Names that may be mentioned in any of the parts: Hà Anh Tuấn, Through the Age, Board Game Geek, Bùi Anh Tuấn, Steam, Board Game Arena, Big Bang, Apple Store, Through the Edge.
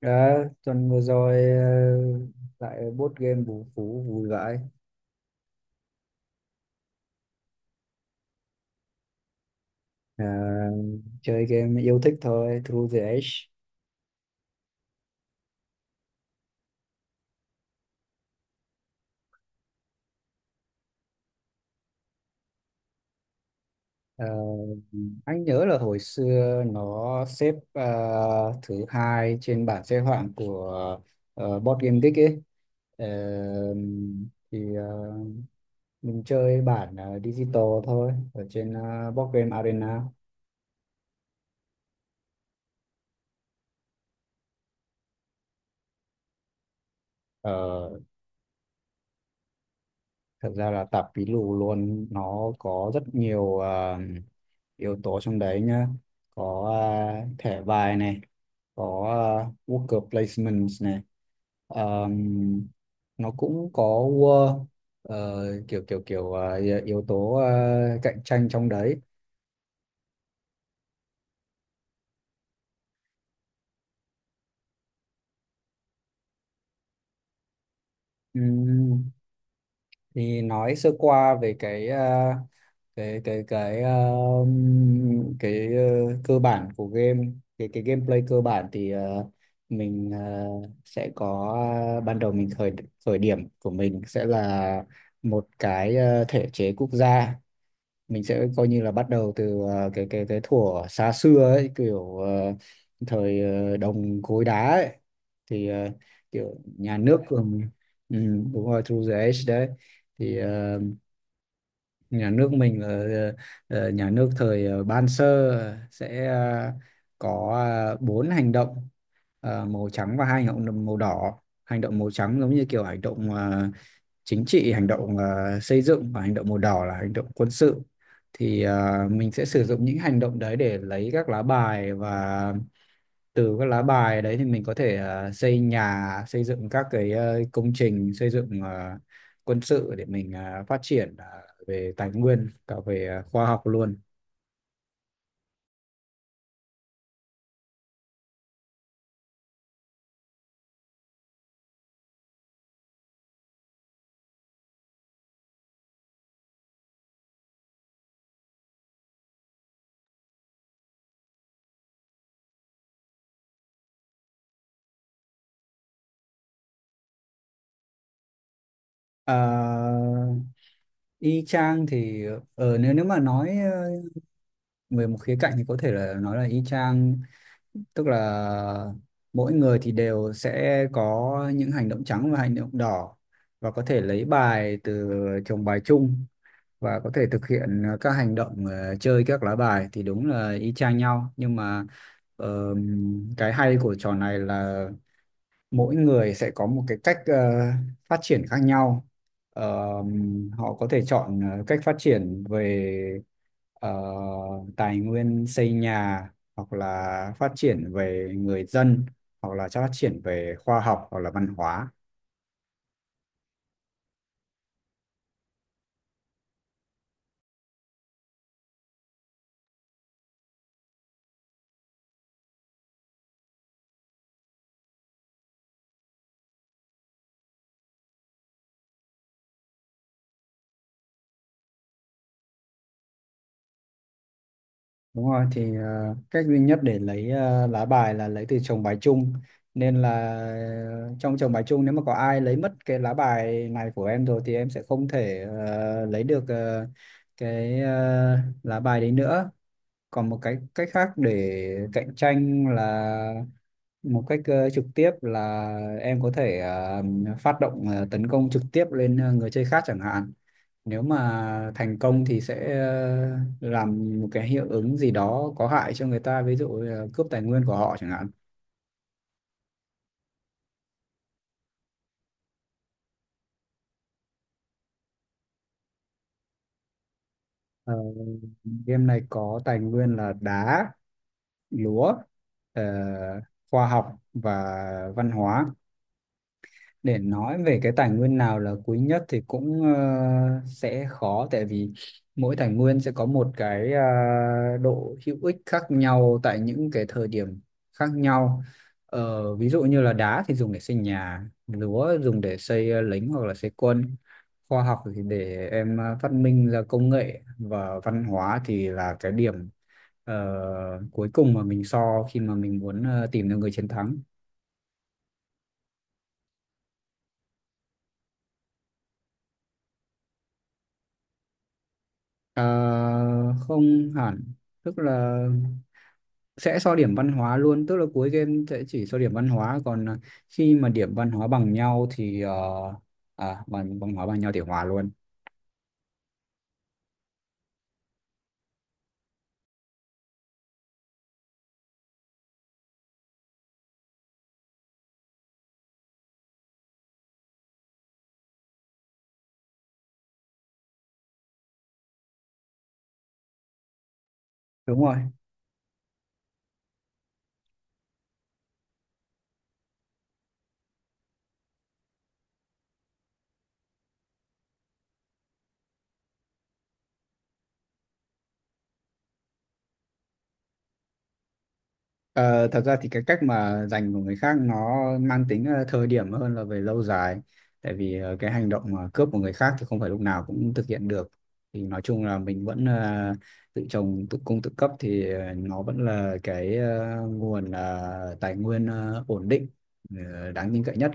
Đã, tuần vừa rồi lại board game vũ phú vui vãi. Ờ, Chơi game yêu thích thôi, Through the Age. Ờ, anh nhớ là hồi xưa nó xếp thứ hai trên bảng xếp hạng của board game geek ấy. Ờ, thì mình chơi bản digital thôi ở trên board game arena. Ờ, Thực ra là tạp pí lù luôn, nó có rất nhiều yếu tố trong đấy nhá. Có thẻ bài này, có worker placements này. Ờm, nó cũng có ờ, kiểu kiểu kiểu à, yếu tố cạnh tranh trong đấy. Ừm, thì nói sơ qua về cái cơ bản của game, cái gameplay cơ bản thì mình sẽ có. Ban đầu, mình khởi khởi điểm của mình sẽ là một cái thể chế quốc gia. Mình sẽ coi như là bắt đầu từ cái thuở xa xưa ấy, kiểu thời đồng cối đá ấy. Thì kiểu nhà nước của... Ừ, đúng rồi, through the age đấy. Thì nhà nước mình là nhà nước thời Ban Sơ, sẽ có bốn hành động màu trắng và hai hành động màu đỏ. Hành động màu trắng giống như kiểu hành động chính trị, hành động xây dựng, và hành động màu đỏ là hành động quân sự. Thì mình sẽ sử dụng những hành động đấy để lấy các lá bài, và từ các lá bài đấy thì mình có thể xây nhà, xây dựng các cái công trình xây dựng quân sự, để mình phát triển về tài nguyên, cả về khoa học luôn. Ờ, Y chang thì nếu nếu mà nói về một khía cạnh thì có thể là nói là y chang, tức là mỗi người thì đều sẽ có những hành động trắng và hành động đỏ, và có thể lấy bài từ chồng bài chung, và có thể thực hiện các hành động chơi các lá bài thì đúng là y chang nhau. Nhưng mà ờ, cái hay của trò này là mỗi người sẽ có một cái cách phát triển khác nhau. Ờ, Họ có thể chọn cách phát triển về ờ, tài nguyên xây nhà, hoặc là phát triển về người dân, hoặc là phát triển về khoa học, hoặc là văn hóa. Đúng rồi, thì cách duy nhất để lấy lá bài là lấy từ chồng bài chung, nên là trong chồng bài chung nếu mà có ai lấy mất cái lá bài này của em rồi thì em sẽ không thể lấy được cái ờ, lá bài đấy nữa. Còn một cái cách khác để cạnh tranh là một cách trực tiếp, là em có thể phát động tấn công trực tiếp lên người chơi khác chẳng hạn. Nếu mà thành công thì sẽ làm một cái hiệu ứng gì đó có hại cho người ta, ví dụ là cướp tài nguyên của họ chẳng hạn. Ờ, Game này có tài nguyên là đá, lúa, ờ, khoa học và văn hóa. Để nói về cái tài nguyên nào là quý nhất thì cũng sẽ khó, tại vì mỗi tài nguyên sẽ có một cái độ hữu ích khác nhau tại những cái thời điểm khác nhau. Ví dụ như là đá thì dùng để xây nhà, lúa dùng để xây lính hoặc là xây quân, khoa học thì để em phát minh ra công nghệ, và văn hóa thì là cái điểm ờ, cuối cùng mà mình so, khi mà mình muốn tìm được người chiến thắng. Ờ, Không hẳn, tức là sẽ so điểm văn hóa luôn, tức là cuối game sẽ chỉ so điểm văn hóa. Còn khi mà điểm văn hóa bằng nhau thì bằng văn hóa bằng nhau thì hòa luôn, đúng rồi. Ờ, Thật ra thì cái cách mà dành của người khác nó mang tính thời điểm hơn là về lâu dài, tại vì cái hành động mà cướp của người khác thì không phải lúc nào cũng thực hiện được. Thì nói chung là mình vẫn tự trồng tự cung tự cấp, thì nó vẫn là cái nguồn tài nguyên ổn định, đáng tin cậy nhất.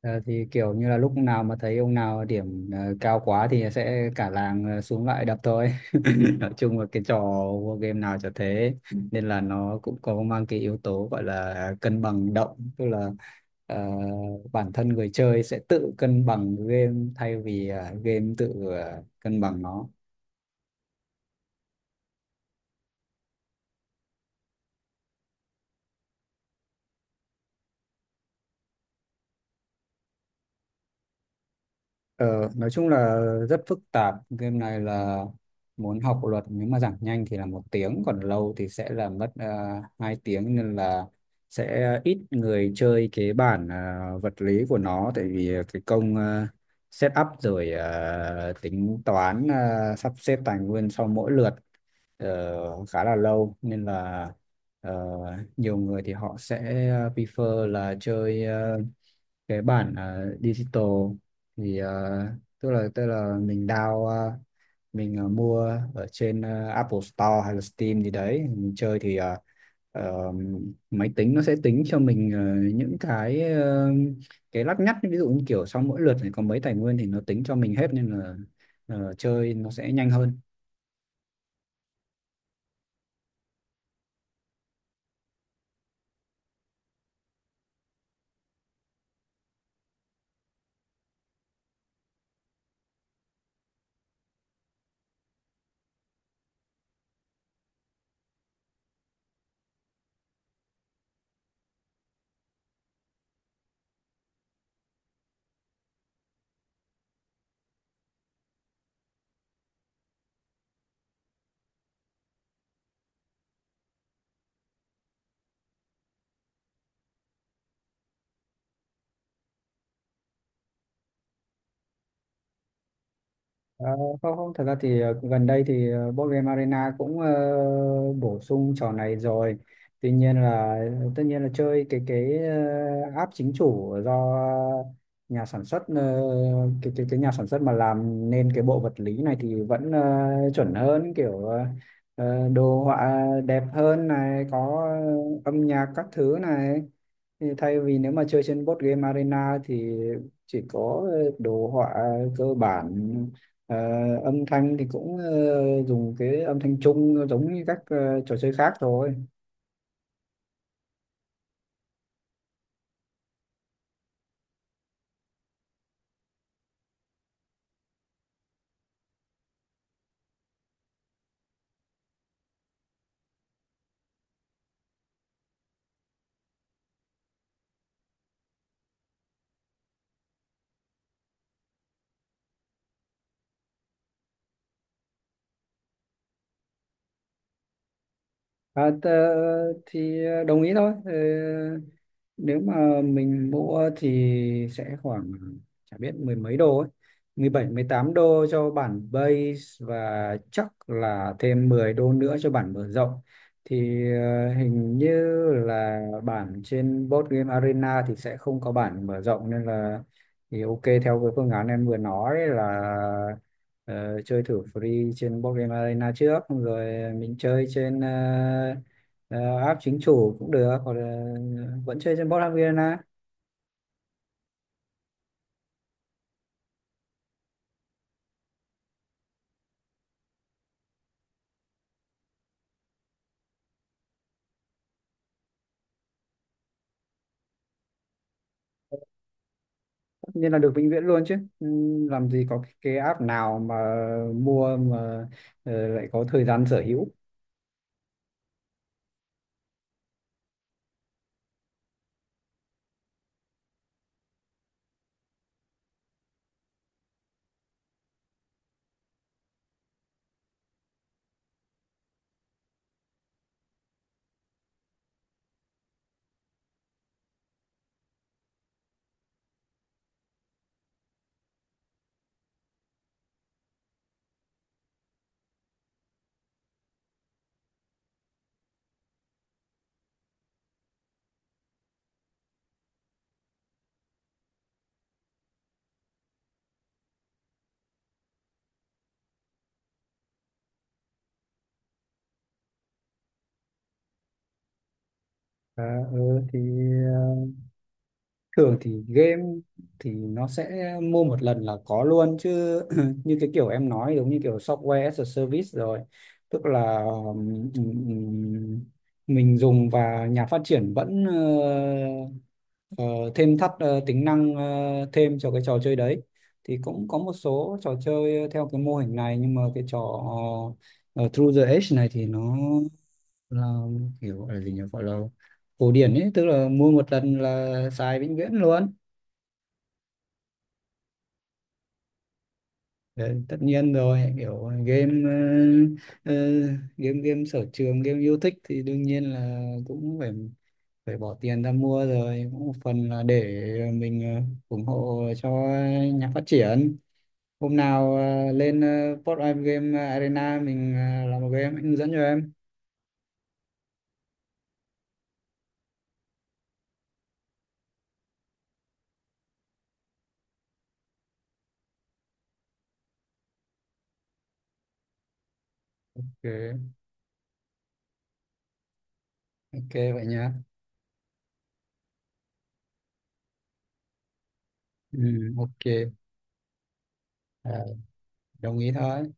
Ờ, thì kiểu như là lúc nào mà thấy ông nào điểm cao quá thì sẽ cả làng xuống lại đập thôi nói chung là cái trò war game nào chả thế, nên là nó cũng có mang cái yếu tố gọi là cân bằng động, tức là ờ, bản thân người chơi sẽ tự cân bằng game thay vì game tự cân bằng nó. Ờ, nói chung là rất phức tạp, game này là muốn học luật, nếu mà giảng nhanh thì là 1 tiếng, còn lâu thì sẽ là mất 2 tiếng, nên là sẽ ít người chơi cái bản vật lý của nó, tại vì cái công set up rồi tính toán sắp xếp tài nguyên sau mỗi lượt khá là lâu, nên là ờ, nhiều người thì họ sẽ prefer là chơi cái bản digital. Thì tức là mình down mình mua ở trên Apple Store hay là Steam gì đấy mình chơi, thì ờ, máy tính nó sẽ tính cho mình những cái cái lắt nhắt, ví dụ như kiểu sau mỗi lượt này có mấy tài nguyên thì nó tính cho mình hết, nên là chơi nó sẽ nhanh hơn. Ờ, Không, không, thật ra thì gần đây thì board game arena cũng bổ sung trò này rồi. Tuy nhiên là tất nhiên là chơi cái app chính chủ do nhà sản xuất, cái nhà sản xuất mà làm nên cái bộ vật lý này thì vẫn chuẩn hơn, kiểu đồ họa đẹp hơn này, có âm nhạc các thứ này, thì thay vì nếu mà chơi trên board game arena thì chỉ có đồ họa cơ bản. Ờ, Âm thanh thì cũng dùng cái âm thanh chung giống như các trò chơi khác thôi. À, thì đồng ý thôi. Ờ, Nếu mà mình mua thì sẽ khoảng, chả biết, mười mấy đô ấy. 17-18 đô cho bản base, và chắc là thêm 10 đô nữa cho bản mở rộng. Thì hình như là bản trên Board Game Arena thì sẽ không có bản mở rộng, nên là thì ok theo cái phương án em vừa nói là chơi thử free trên board game arena trước, rồi mình chơi trên ờ, app chính chủ cũng được, hoặc là vẫn chơi trên board game arena. Tất nhiên là được vĩnh viễn luôn chứ. Ừ, làm gì có cái app nào mà mua mà lại có thời gian sở hữu. À, ừ, thì ờ, thường thì game thì nó sẽ mua một lần là có luôn chứ như cái kiểu em nói, giống như kiểu software as a service rồi. Tức là mình dùng và nhà phát triển vẫn ờ, thêm thắt tính năng thêm cho cái trò chơi đấy. Thì cũng có một số trò chơi theo cái mô hình này, nhưng mà cái trò ờ, Through the Edge này thì nó là kiểu, gọi là gì nhỉ, gọi là cổ điển ấy, tức là mua một lần là xài vĩnh viễn luôn. Đấy, tất nhiên rồi, kiểu game ờ, ờ, game game sở trường, game yêu thích thì đương nhiên là cũng phải phải bỏ tiền ra mua rồi, cũng một phần là để mình ủng hộ cho nhà phát triển. Hôm nào lên Port of Game Arena, mình làm một game, anh hướng dẫn cho em. Ok, ok vậy nhá. Ừ, ok. Ờ, Đồng ý thôi.